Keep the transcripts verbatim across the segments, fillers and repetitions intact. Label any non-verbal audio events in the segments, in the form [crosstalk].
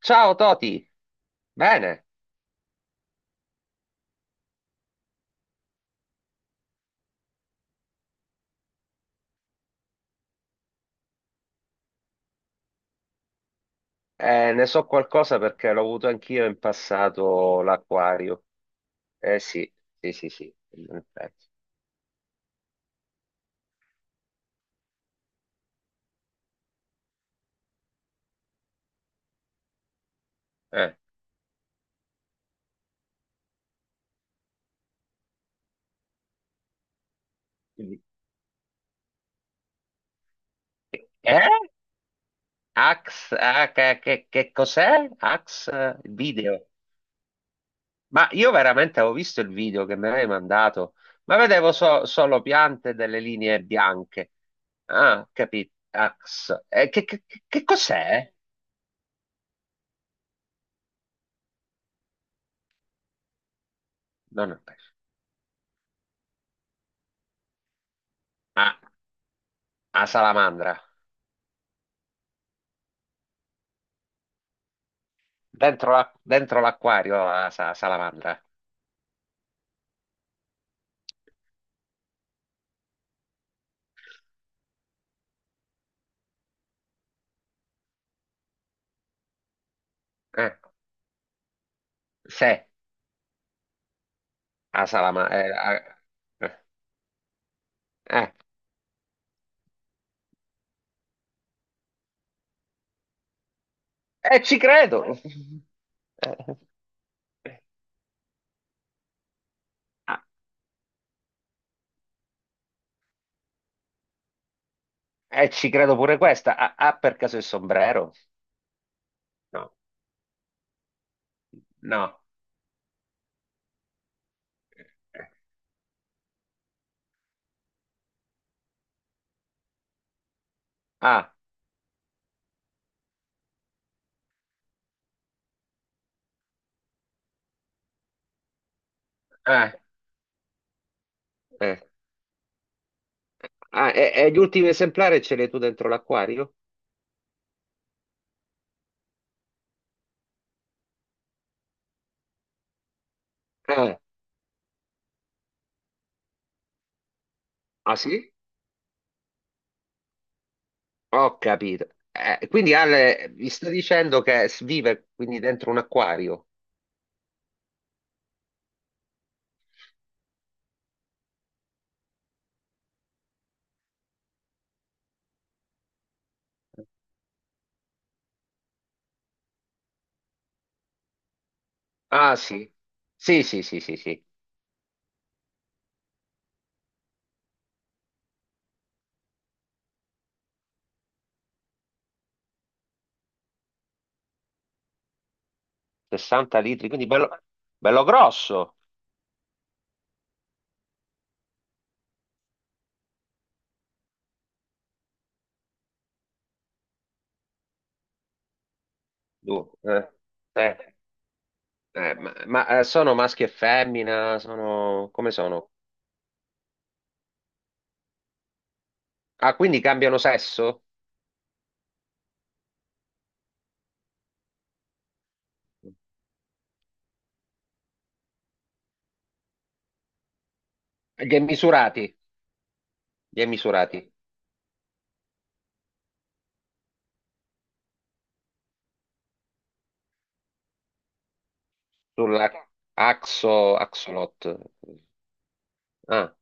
Ciao Toti, bene. Eh, ne so qualcosa perché l'ho avuto anch'io in passato l'acquario. Eh sì, sì, sì, sì, in effetti. Eh? Eh? Ax, ah, che, che- che cos'è? Ax, eh, il video. Ma io veramente avevo visto il video che mi avevi mandato, ma vedevo so- solo piante e delle linee bianche. Ah, capito, Ax. Eh, che, che- che- che cos'è? Non ho preso. Ah, a salamandra. Dentro la- dentro l'acquario la sa- salamandra. Eh, se a salamandra. Eh, eh, eh. Eh, ci credo. [laughs] Eh, eh. Ah, eh, ci credo pure questa. Ha ha per caso il sombrero? No, no. Ah, eh, eh. Ah, e, e gli ultimi esemplari ce li hai tu dentro l'acquario? Eh, ah sì? Ho capito. Eh, quindi Ale mi sta dicendo che s- vive quindi dentro un acquario. Ah sì. Sì, sì, sì, sì, sì. sessanta litri, quindi bello, bello grosso. Tu, eh, eh, eh, ma ma, eh, sono maschi e femmina? Sono, come sono? Ah, quindi cambiano sesso? Gli è misurati, gli è misurati sulla axo, axolot. Ah,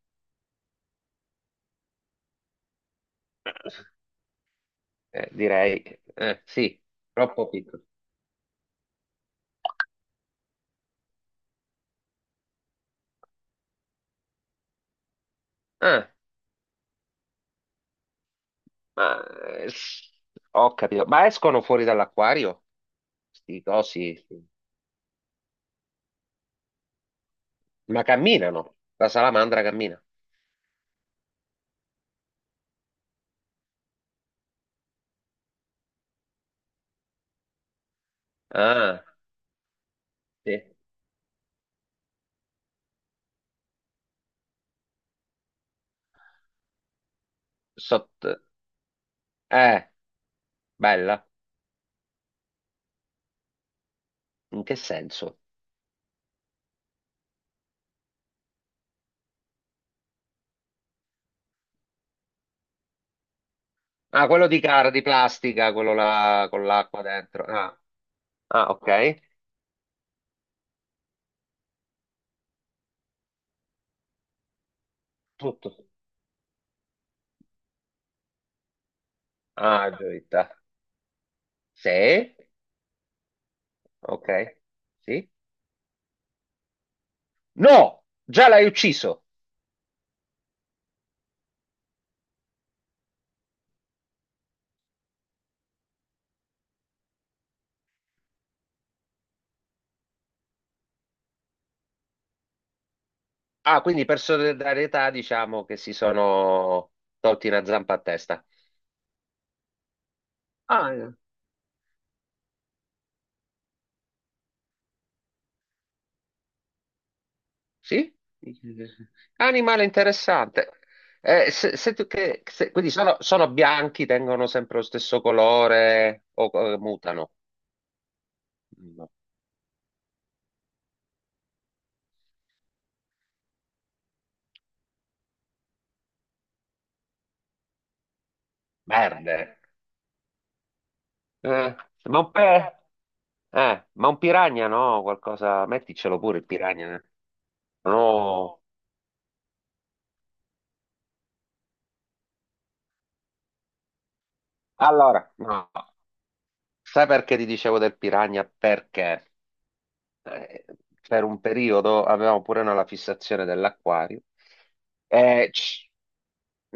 eh, direi, eh, sì, troppo piccolo. Ah, ma, eh, s- Ho capito. Ma escono fuori dall'acquario? Sti cosi, ma camminano. La salamandra cammina. Ah. Sì. Sotto... Eh, bella. In che senso? Ah, quello di cara, di plastica, quello là con l'acqua dentro. Ah, ah, ok. Tutto. Ah, gioita. Sì, ok. Sì. No, già l'hai ucciso. Ah, quindi per solidarietà diciamo che si sono tolti una zampa a testa. Ah, sì? Animale interessante. Eh, se- se tu- che- se- quindi sono, sono bianchi, tengono sempre lo stesso colore o eh, mutano? No. Verde. Eh, ma un pe- eh, ma un piranha no, qualcosa, metticelo pure il piranha. Eh. No. Allora, no. Sai perché ti dicevo del piranha? Perché? Eh, per un periodo avevamo pure noi la fissazione dell'acquario. Eh, c-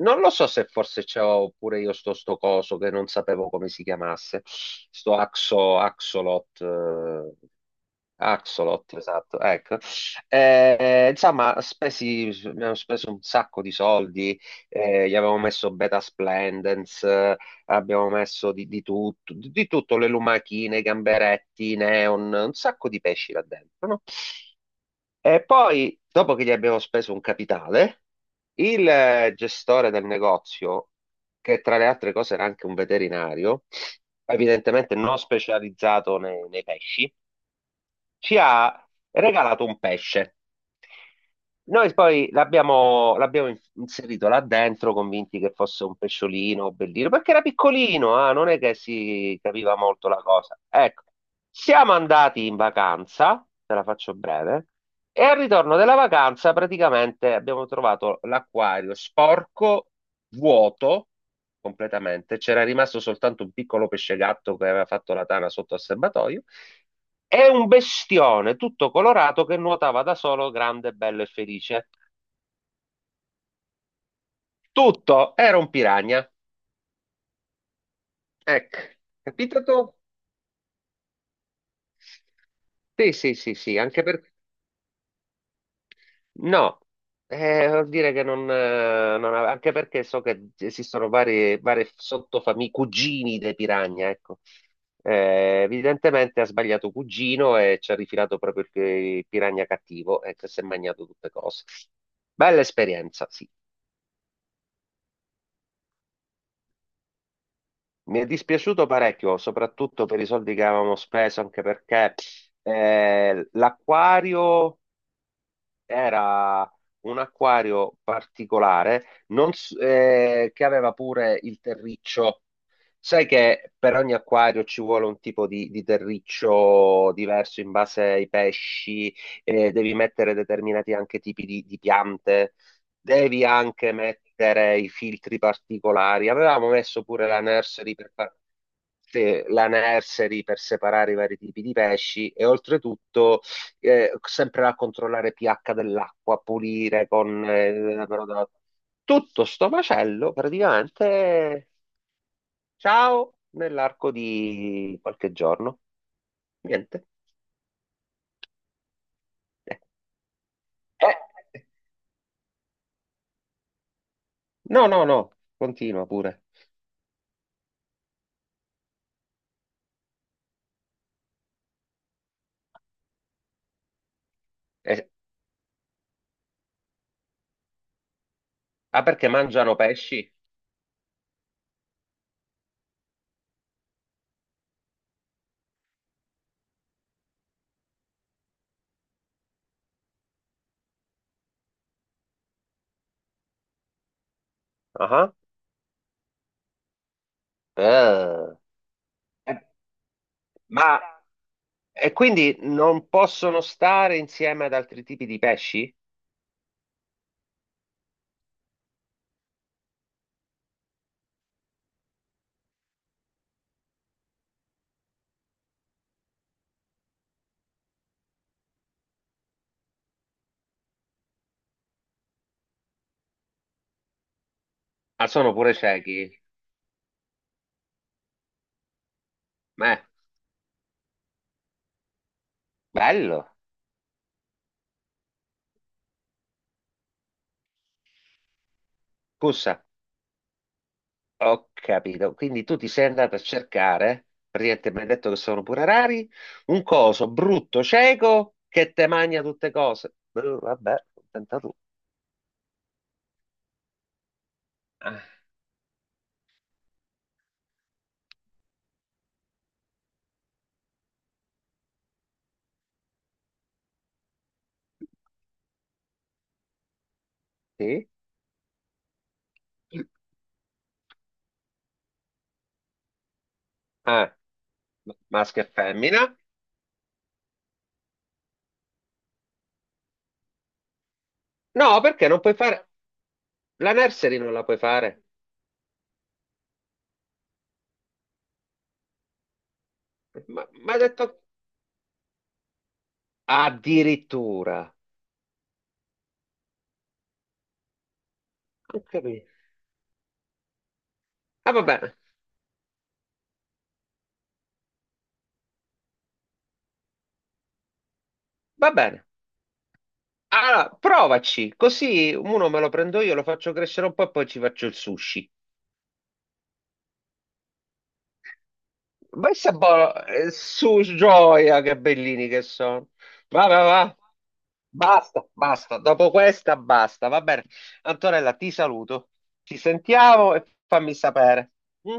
non lo so se forse c'avevo pure io sto, sto coso che non sapevo come si chiamasse, sto axo, axolot, eh, axolot, esatto, ecco. Eh, insomma, spesi, abbiamo speso un sacco di soldi, eh, gli avevo messo beta splendens, abbiamo messo di, di tutto, di, di tutto, le lumachine, i gamberetti, i neon, un sacco di pesci là dentro, no? E poi, dopo che gli abbiamo speso un capitale, il eh, gestore del negozio, che tra le altre cose era anche un veterinario, evidentemente non specializzato nei, nei pesci, ci ha regalato un pesce. Noi poi l'abbiamo l'abbiamo in- inserito là dentro, convinti che fosse un pesciolino bellino, perché era piccolino, ah, non è che si capiva molto la cosa. Ecco, siamo andati in vacanza, te la faccio breve, e al ritorno della vacanza praticamente abbiamo trovato l'acquario sporco, vuoto completamente, c'era rimasto soltanto un piccolo pesce gatto che aveva fatto la tana sotto al serbatoio è un bestione tutto colorato che nuotava da solo, grande, bello e felice. Tutto era un piragna. Ecco, capito tu? Sì, sì, sì, sì, anche perché... No, eh, vuol dire che non... eh, non ave- Anche perché so che esistono varie, varie sottofamiglie, cugini dei piragna, ecco. Eh, evidentemente ha sbagliato cugino e ci ha rifilato proprio il pi- il piragna cattivo, ecco, e che si è mangiato tutte cose. Bella esperienza, sì. Mi è dispiaciuto parecchio, soprattutto per i soldi che avevamo speso, anche perché eh, l'acquario era un acquario particolare, non s- eh, che aveva pure il terriccio. Sai che per ogni acquario ci vuole un tipo di, di terriccio diverso in base ai pesci, eh, devi mettere determinati anche tipi di, di piante, devi anche mettere i filtri particolari. Avevamo messo pure la nursery per far- sì, la nursery per separare i vari tipi di pesci e oltretutto eh, sempre a controllare pH dell'acqua, pulire con eh, però da- tutto sto macello praticamente ciao nell'arco di qualche giorno. Niente. Eh, eh, No, no, no, continua pure. Eh, ah, perché mangiano pesci? Ah, ah. Eh, eh, ma e quindi non possono stare insieme ad altri tipi di pesci? Ah, sono pure ciechi. Beh, bello. Scusa. Ho capito. Quindi tu ti sei andato a cercare, praticamente mi hai detto che sono pure rari, un coso brutto, cieco, che te mangia tutte cose. Eh, vabbè, contenta tu. Ah, sì? Ah, ma- maschio e femmina? No, perché non puoi fare... La nursery non la puoi fare. Ma mi ha detto... Addirittura. Ho capito. Ah, va bene, va bene. Allora, provaci, così uno me lo prendo io, lo faccio crescere un po' e poi ci faccio il sushi. Ma Questa è buona. Eh, Su gioia, che bellini che sono. Va, va, va. Basta, basta. Dopo questa, basta. Va bene. Antonella, ti saluto. Ci sentiamo e fammi sapere. Mm?